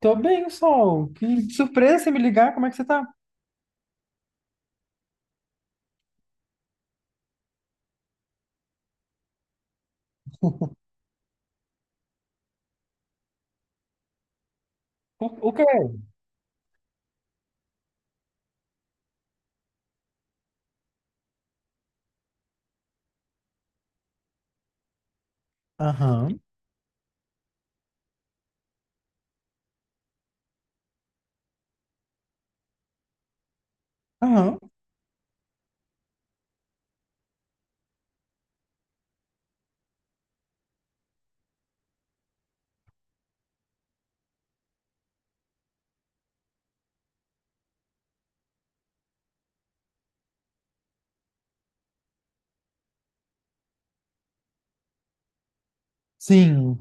Tô bem, Sol. Que surpresa você me ligar. Como é que você tá? O quê? Aham, aham. Sim,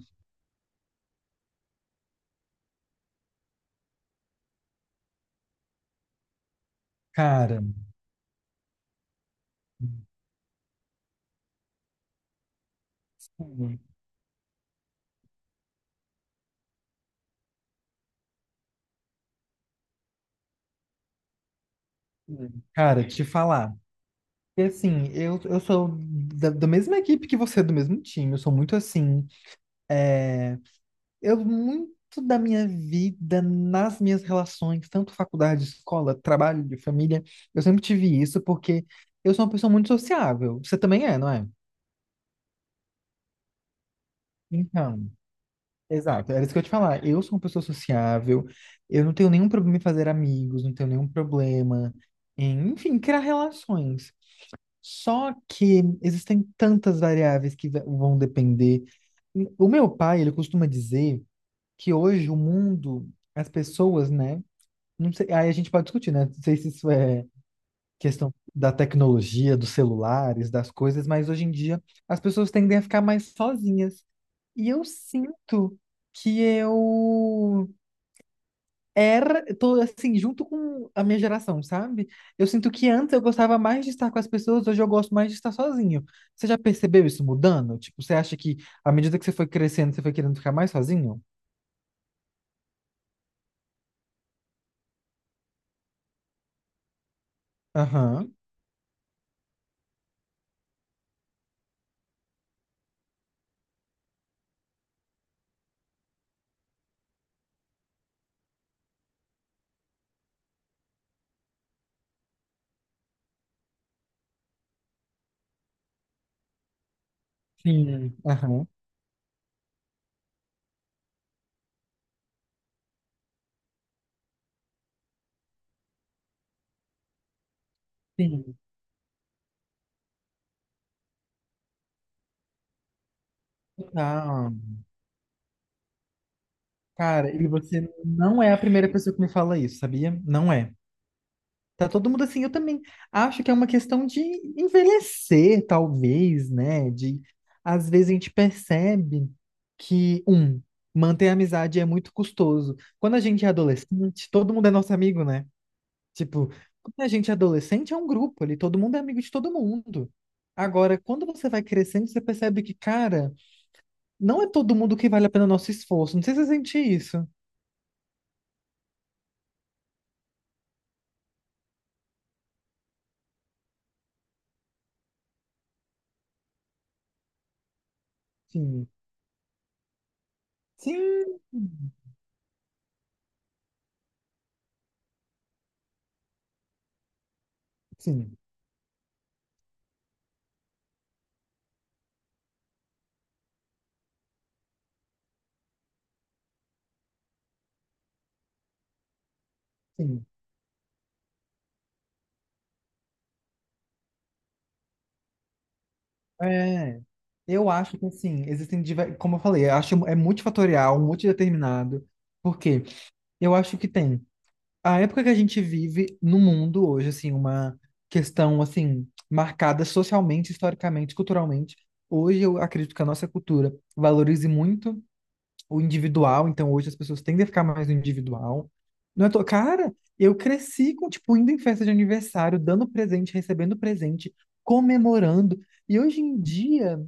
cara. Hum, Cara, te falar. E assim, eu sou da mesma equipe que você, do mesmo time. Eu sou muito assim. Eu, muito da minha vida, nas minhas relações, tanto faculdade, escola, trabalho, família, eu sempre tive isso porque eu sou uma pessoa muito sociável. Você também é, não é? Então. Exato, era isso que eu ia te falar. Eu sou uma pessoa sociável, eu não tenho nenhum problema em fazer amigos, não tenho nenhum problema em, enfim, criar relações. Só que existem tantas variáveis que vão depender. O meu pai, ele costuma dizer que hoje o mundo, as pessoas, né? Não sei, aí a gente pode discutir, né? Não sei se isso é questão da tecnologia, dos celulares, das coisas, mas hoje em dia as pessoas tendem a ficar mais sozinhas. E eu sinto que eu era, tô assim, junto com a minha geração, sabe? Eu sinto que antes eu gostava mais de estar com as pessoas, hoje eu gosto mais de estar sozinho. Você já percebeu isso mudando? Tipo, você acha que à medida que você foi crescendo, você foi querendo ficar mais sozinho? Aham. Sim, aham. Sim. Total. Cara, e você não é a primeira pessoa que me fala isso, sabia? Não é. Tá todo mundo assim, eu também acho que é uma questão de envelhecer, talvez, né? De às vezes a gente percebe que, um, manter a amizade é muito custoso. Quando a gente é adolescente, todo mundo é nosso amigo, né? Tipo, quando a gente é adolescente, é um grupo ali, todo mundo é amigo de todo mundo. Agora, quando você vai crescendo, você percebe que, cara, não é todo mundo que vale a pena o nosso esforço. Não sei se você sente isso. Sim, sim, sim, sim. É, eu acho que assim, existem, como eu falei, eu acho é multifatorial, multideterminado, porque eu acho que tem a época que a gente vive no mundo hoje, assim, uma questão assim marcada socialmente, historicamente, culturalmente. Hoje eu acredito que a nossa cultura valorize muito o individual, então hoje as pessoas tendem a ficar mais no individual. Não é cara, eu cresci com tipo indo em festa de aniversário, dando presente, recebendo presente, comemorando. E hoje em dia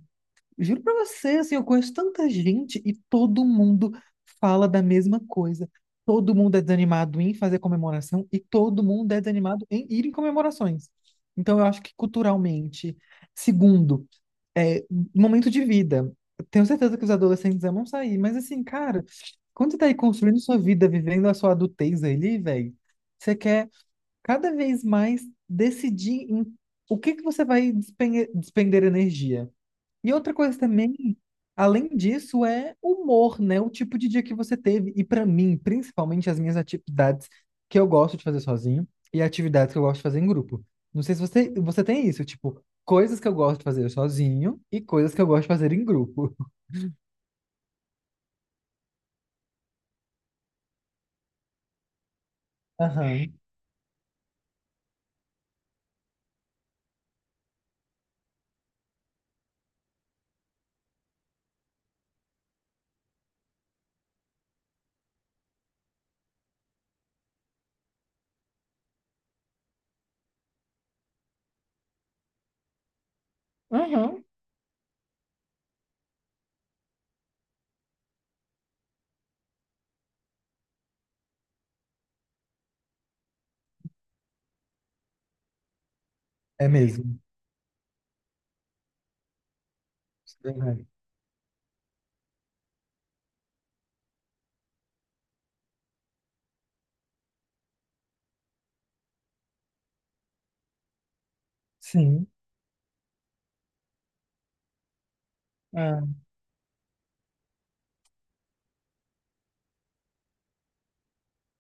juro pra você, assim, eu conheço tanta gente e todo mundo fala da mesma coisa. Todo mundo é desanimado em fazer comemoração e todo mundo é desanimado em ir em comemorações. Então, eu acho que culturalmente. Segundo, é, momento de vida. Eu tenho certeza que os adolescentes amam sair, mas assim, cara, quando você tá aí construindo sua vida, vivendo a sua adultez ali, velho, você quer cada vez mais decidir em o que que você vai despender energia. E outra coisa também, além disso, é humor, né? O tipo de dia que você teve. E pra mim, principalmente as minhas atividades que eu gosto de fazer sozinho e atividades que eu gosto de fazer em grupo. Não sei se você, você tem isso, tipo, coisas que eu gosto de fazer sozinho e coisas que eu gosto de fazer em grupo. Aham, aham. É mesmo. Isso é verdade. Sim. Ah,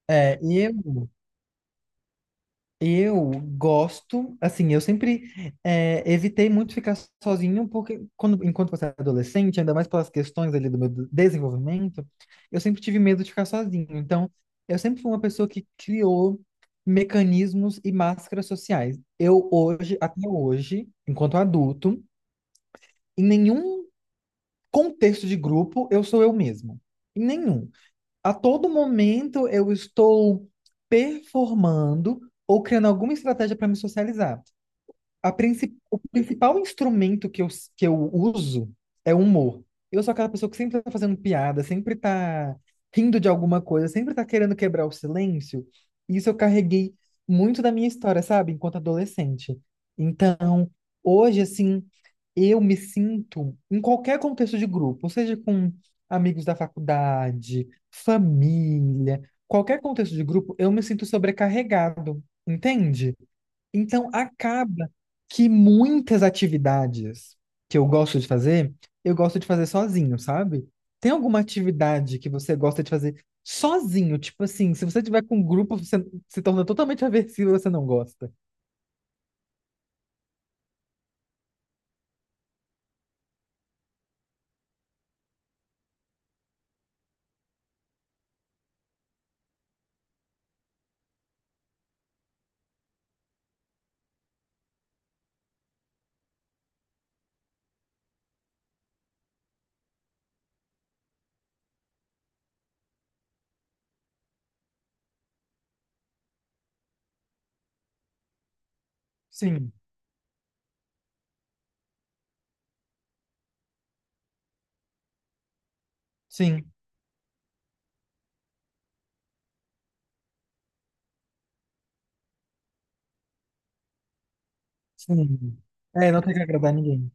é, e eu. Eu gosto, assim, eu sempre evitei muito ficar sozinho, porque quando, enquanto você é adolescente, ainda mais pelas questões ali do meu desenvolvimento, eu sempre tive medo de ficar sozinho. Então, eu sempre fui uma pessoa que criou mecanismos e máscaras sociais. Eu hoje, até hoje, enquanto adulto, em nenhum contexto de grupo, eu sou eu mesmo. Em nenhum. A todo momento, eu estou performando ou criando alguma estratégia para me socializar. O principal instrumento que que eu uso é o humor. Eu sou aquela pessoa que sempre tá fazendo piada, sempre tá rindo de alguma coisa, sempre tá querendo quebrar o silêncio. Isso eu carreguei muito da minha história, sabe? Enquanto adolescente. Então, hoje, assim, eu me sinto em qualquer contexto de grupo, seja com amigos da faculdade, família, qualquer contexto de grupo, eu me sinto sobrecarregado, entende? Então, acaba que muitas atividades que eu gosto de fazer, eu gosto de fazer sozinho, sabe? Tem alguma atividade que você gosta de fazer sozinho? Tipo assim, se você tiver com um grupo, você se torna totalmente aversivo e você não gosta. Sim, sim, sim. É, não tem que agradar ninguém.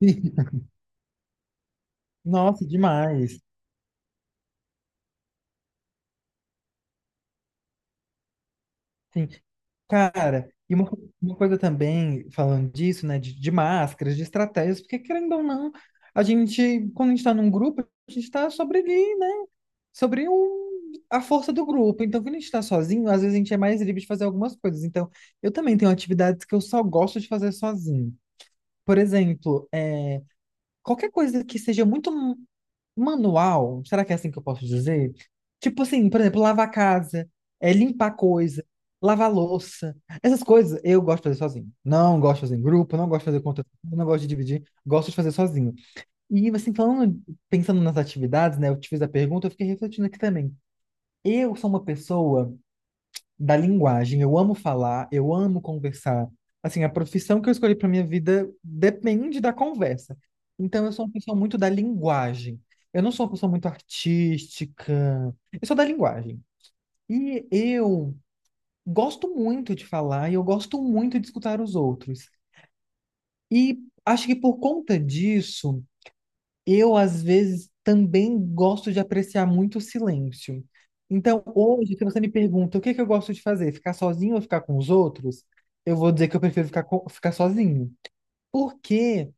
Nossa, demais. Sim. Cara, e uma, uma coisa também, falando disso, né, de máscaras, de estratégias, porque querendo ou não, a gente, quando a gente está num grupo, a gente está sobre ali, né, sobre o, a força do grupo. Então, quando a gente está sozinho, às vezes a gente é mais livre de fazer algumas coisas. Então, eu também tenho atividades que eu só gosto de fazer sozinho. Por exemplo, é, qualquer coisa que seja muito manual, será que é assim que eu posso dizer? Tipo assim, por exemplo, lavar a casa, é, limpar coisa, lavar louça. Essas coisas eu gosto de fazer sozinho. Não gosto de fazer em grupo, não gosto de fazer conta, não gosto de dividir, gosto de fazer sozinho. E assim, falando, pensando nas atividades, né? Eu te fiz a pergunta, eu fiquei refletindo aqui também. Eu sou uma pessoa da linguagem. Eu amo falar, eu amo conversar. Assim, a profissão que eu escolhi para minha vida depende da conversa. Então, eu sou uma pessoa muito da linguagem. Eu não sou uma pessoa muito artística. Eu sou da linguagem. E eu gosto muito de falar e eu gosto muito de escutar os outros. E acho que por conta disso, eu, às vezes, também gosto de apreciar muito o silêncio. Então, hoje, se você me pergunta o que que eu gosto de fazer, ficar sozinho ou ficar com os outros, eu vou dizer que eu prefiro ficar, ficar sozinho. Porque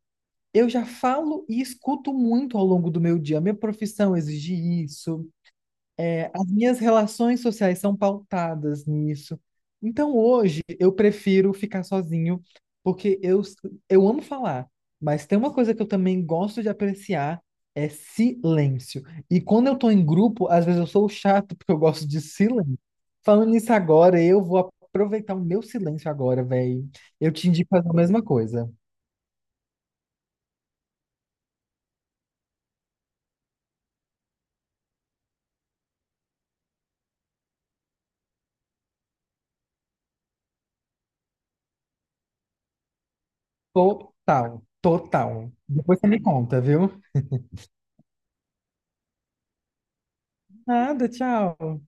eu já falo e escuto muito ao longo do meu dia. Minha profissão exige isso, é, as minhas relações sociais são pautadas nisso. Então, hoje, eu prefiro ficar sozinho, porque eu amo falar, mas tem uma coisa que eu também gosto de apreciar, é silêncio. E quando eu tô em grupo, às vezes eu sou o chato, porque eu gosto de silêncio. Falando nisso agora, eu vou aproveitar o meu silêncio agora, velho. Eu te indico fazer a mesma coisa. Total, total. Depois você me conta, viu? Nada, tchau.